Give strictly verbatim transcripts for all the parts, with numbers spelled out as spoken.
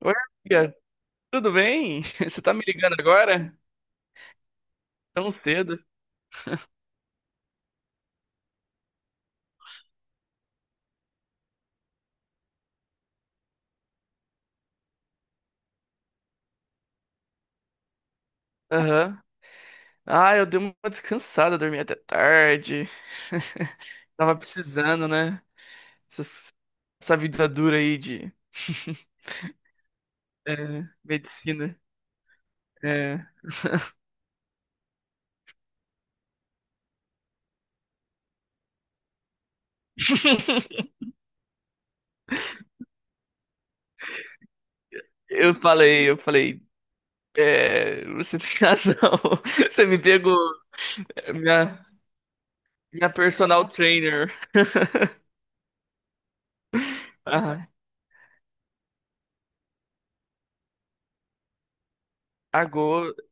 Oi, amiga. Tudo bem? Você tá me ligando agora? Tão cedo. Aham. Ah, eu dei uma descansada, dormi até tarde. Tava precisando, né? Essas- Essa, vida dura aí de é, medicina. É. Eu falei, eu falei, é, você tem razão. Você me pegou, é, minha, minha personal trainer. Ah, agosto,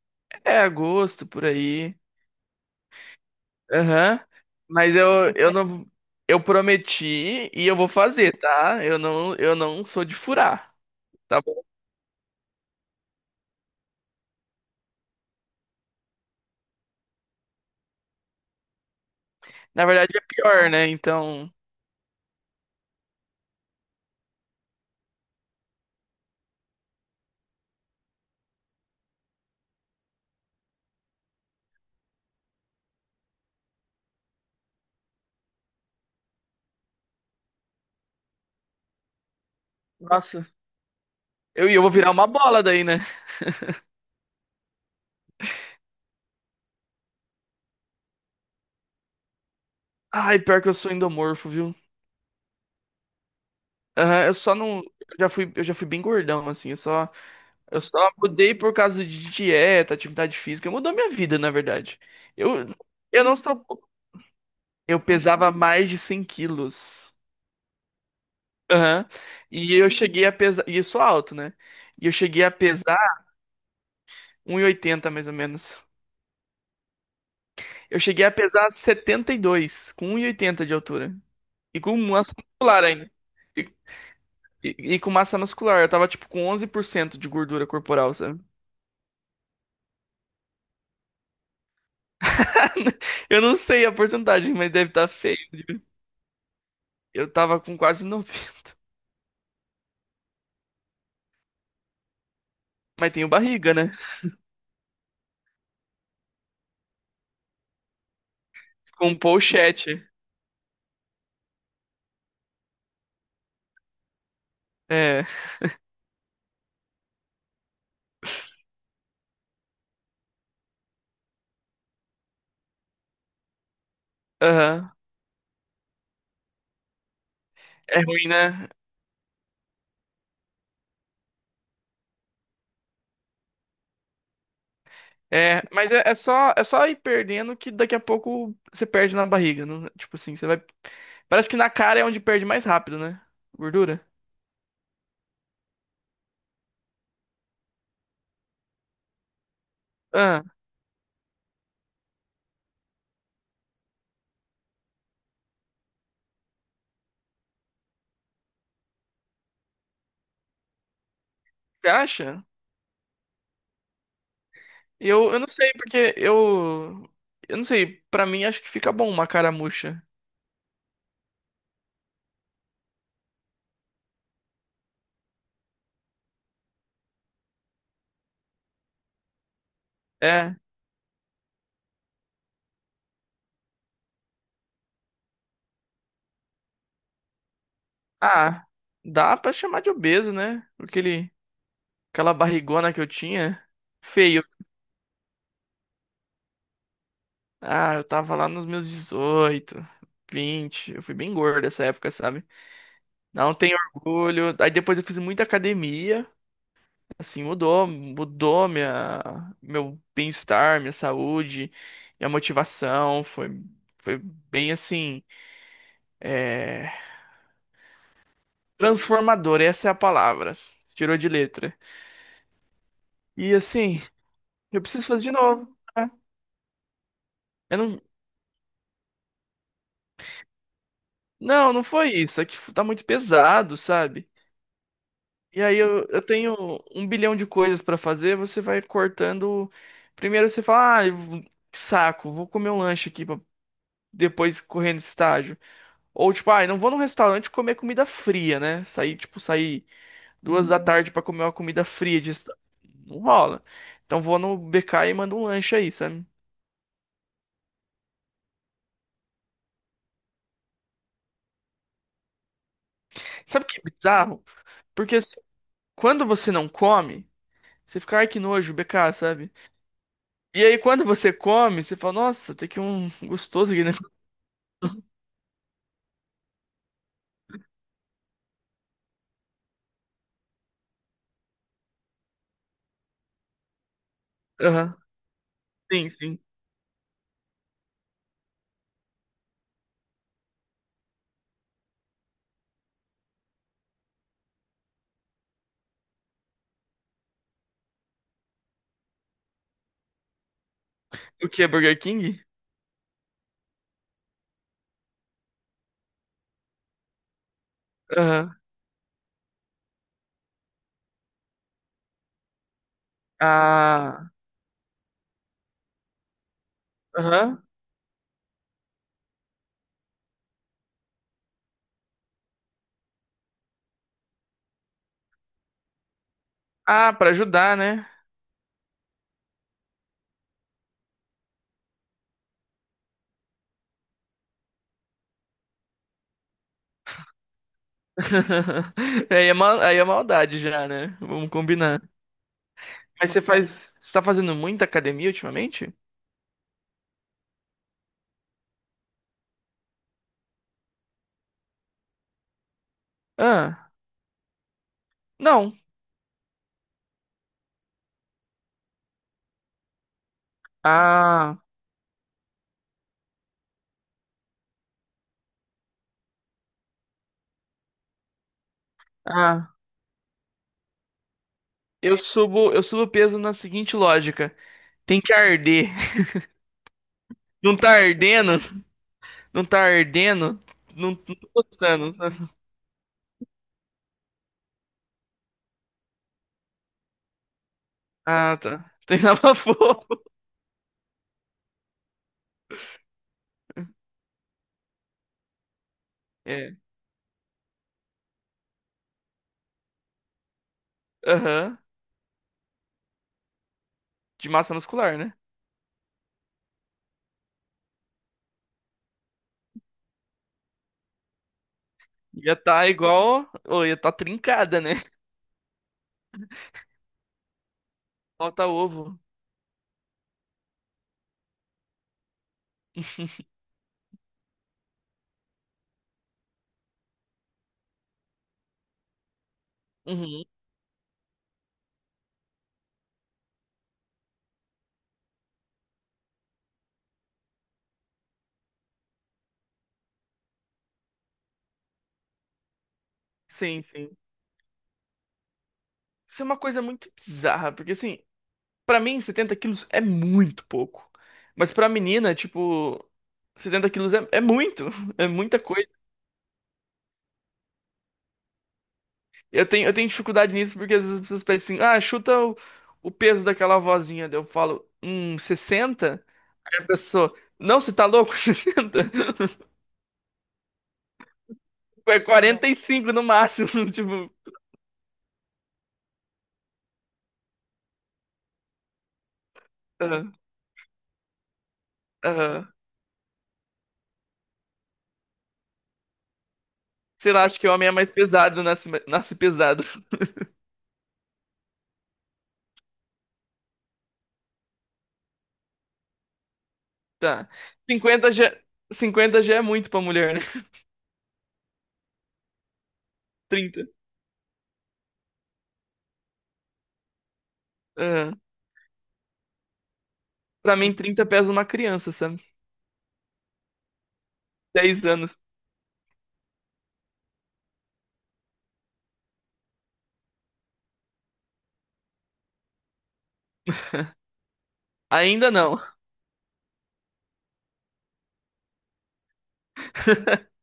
é agosto por aí. Aham. Mas eu, eu não. Eu prometi e eu vou fazer, tá? Eu não, eu não sou de furar, tá bom? Na verdade é pior, né? Então. Nossa. Eu, e eu vou virar uma bola daí, né? Ai, pior que eu sou endomorfo, viu? Aham, eu só não. Eu já fui, eu já fui bem gordão, assim. Eu só, eu só mudei por causa de dieta, atividade física. Mudou minha vida, na verdade. Eu, eu não sou. Eu pesava mais de cem quilos. Aham. E eu cheguei a pesar. E eu sou alto, né? E eu cheguei a pesar um e oitenta mais ou menos. Eu cheguei a pesar setenta e dois com um e oitenta de altura. E com massa muscular ainda. E, e- e com massa muscular. Eu tava tipo com onze por cento de gordura corporal, sabe? Eu não sei a porcentagem, mas deve estar feio. Eu tava com quase noventa, mas tenho barriga, né? Com um pochete. É. Aham. É ruim, né? É, mas é, é só é só ir perdendo que daqui a pouco você perde na barriga, não- Tipo assim, você vai. Parece que na cara é onde perde mais rápido, né? Gordura. Ah, você acha? Eu, eu não sei, porque eu. Eu não sei, pra mim acho que fica bom uma cara murcha. É. Ah, dá pra chamar de obeso, né? Aquele, aquela barrigona que eu tinha. Feio. Ah, eu tava lá nos meus dezoito, vinte. Eu fui bem gordo essa época, sabe? Não tenho orgulho. Aí depois eu fiz muita academia, assim, mudou, mudou minha, meu bem-estar, minha saúde, minha motivação. Foi, foi bem assim, é, transformador, essa é a palavra. Tirou de letra. E assim, eu preciso fazer de novo, né? Eu não, não, não foi isso. É que tá muito pesado, sabe? E aí eu, eu tenho um bilhão de coisas pra fazer, você vai cortando. Primeiro você fala, ah, eu- que saco, vou comer um lanche aqui. Depois correndo estágio. Ou tipo, ah, eu não vou num restaurante comer comida fria, né? Sair, tipo, sair duas da Hum. tarde pra comer uma comida fria de restaurante. Não rola. Então vou no B K e mando um lanche aí, sabe? Sabe o que é bizarro? Porque assim, quando você não come, você fica, ai que nojo, B K, sabe? E aí quando você come, você fala, nossa, tem aqui um gostoso aqui, né? Aham. Sim, sim. O que é Burger King? Aham. Ah, aham. Ah, pra ajudar, né? Aí é, mal, aí é maldade já, né? Vamos combinar. Mas você faz. Você tá fazendo muita academia ultimamente? Ah, não. Ah, ah. Eu subo, eu subo peso na seguinte lógica. Tem que arder. Não tá ardendo? Não tá ardendo? Não, não tô gostando. Ah, tá. Treinava fogo. É. Aham. De massa muscular, né? Ia tá igual. Ou ia tá trincada, né? Falta ovo. Uhum. Sim, sim. Isso é uma coisa muito bizarra, porque assim, pra mim setenta quilos é muito pouco. Mas pra menina, tipo, setenta quilos é, é muito, é muita coisa. Eu tenho, eu tenho dificuldade nisso, porque às vezes as pessoas pedem assim, ah, chuta o, o peso daquela vozinha. Daí eu falo, hum, sessenta. Aí a pessoa, não, você tá louco? Sessenta. É quarenta e cinco no máximo, tipo, aham, aham. Sei lá, acho que o homem é mais pesado, nasce, nasce pesado. Tá. Cinquenta já, cinquenta já é muito pra mulher, né? Trinta. É. Pra mim, trinta pesa uma criança, sabe? Dez anos. Ainda não.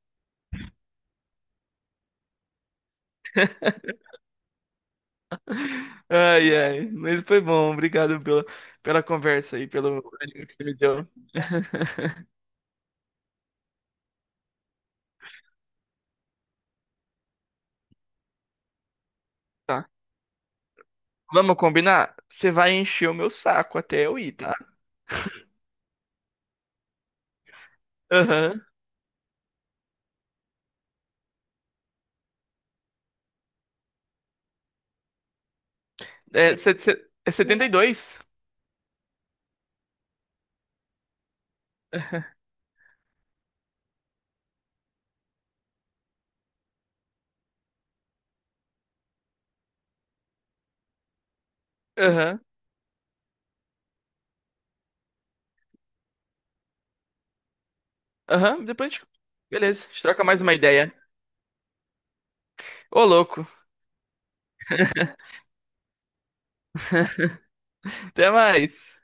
Ai, ai. Mas foi bom. Obrigado pela, pela conversa aí, pelo ânimo que você me deu. Tá. Vamos combinar? Você vai encher o meu saco até eu ir, tá? Aham. É, se- se- é setenta e dois? Aham. Aham. Aham. Depois a gente... Beleza. A gente troca mais uma ideia. Ô, louco. Até mais.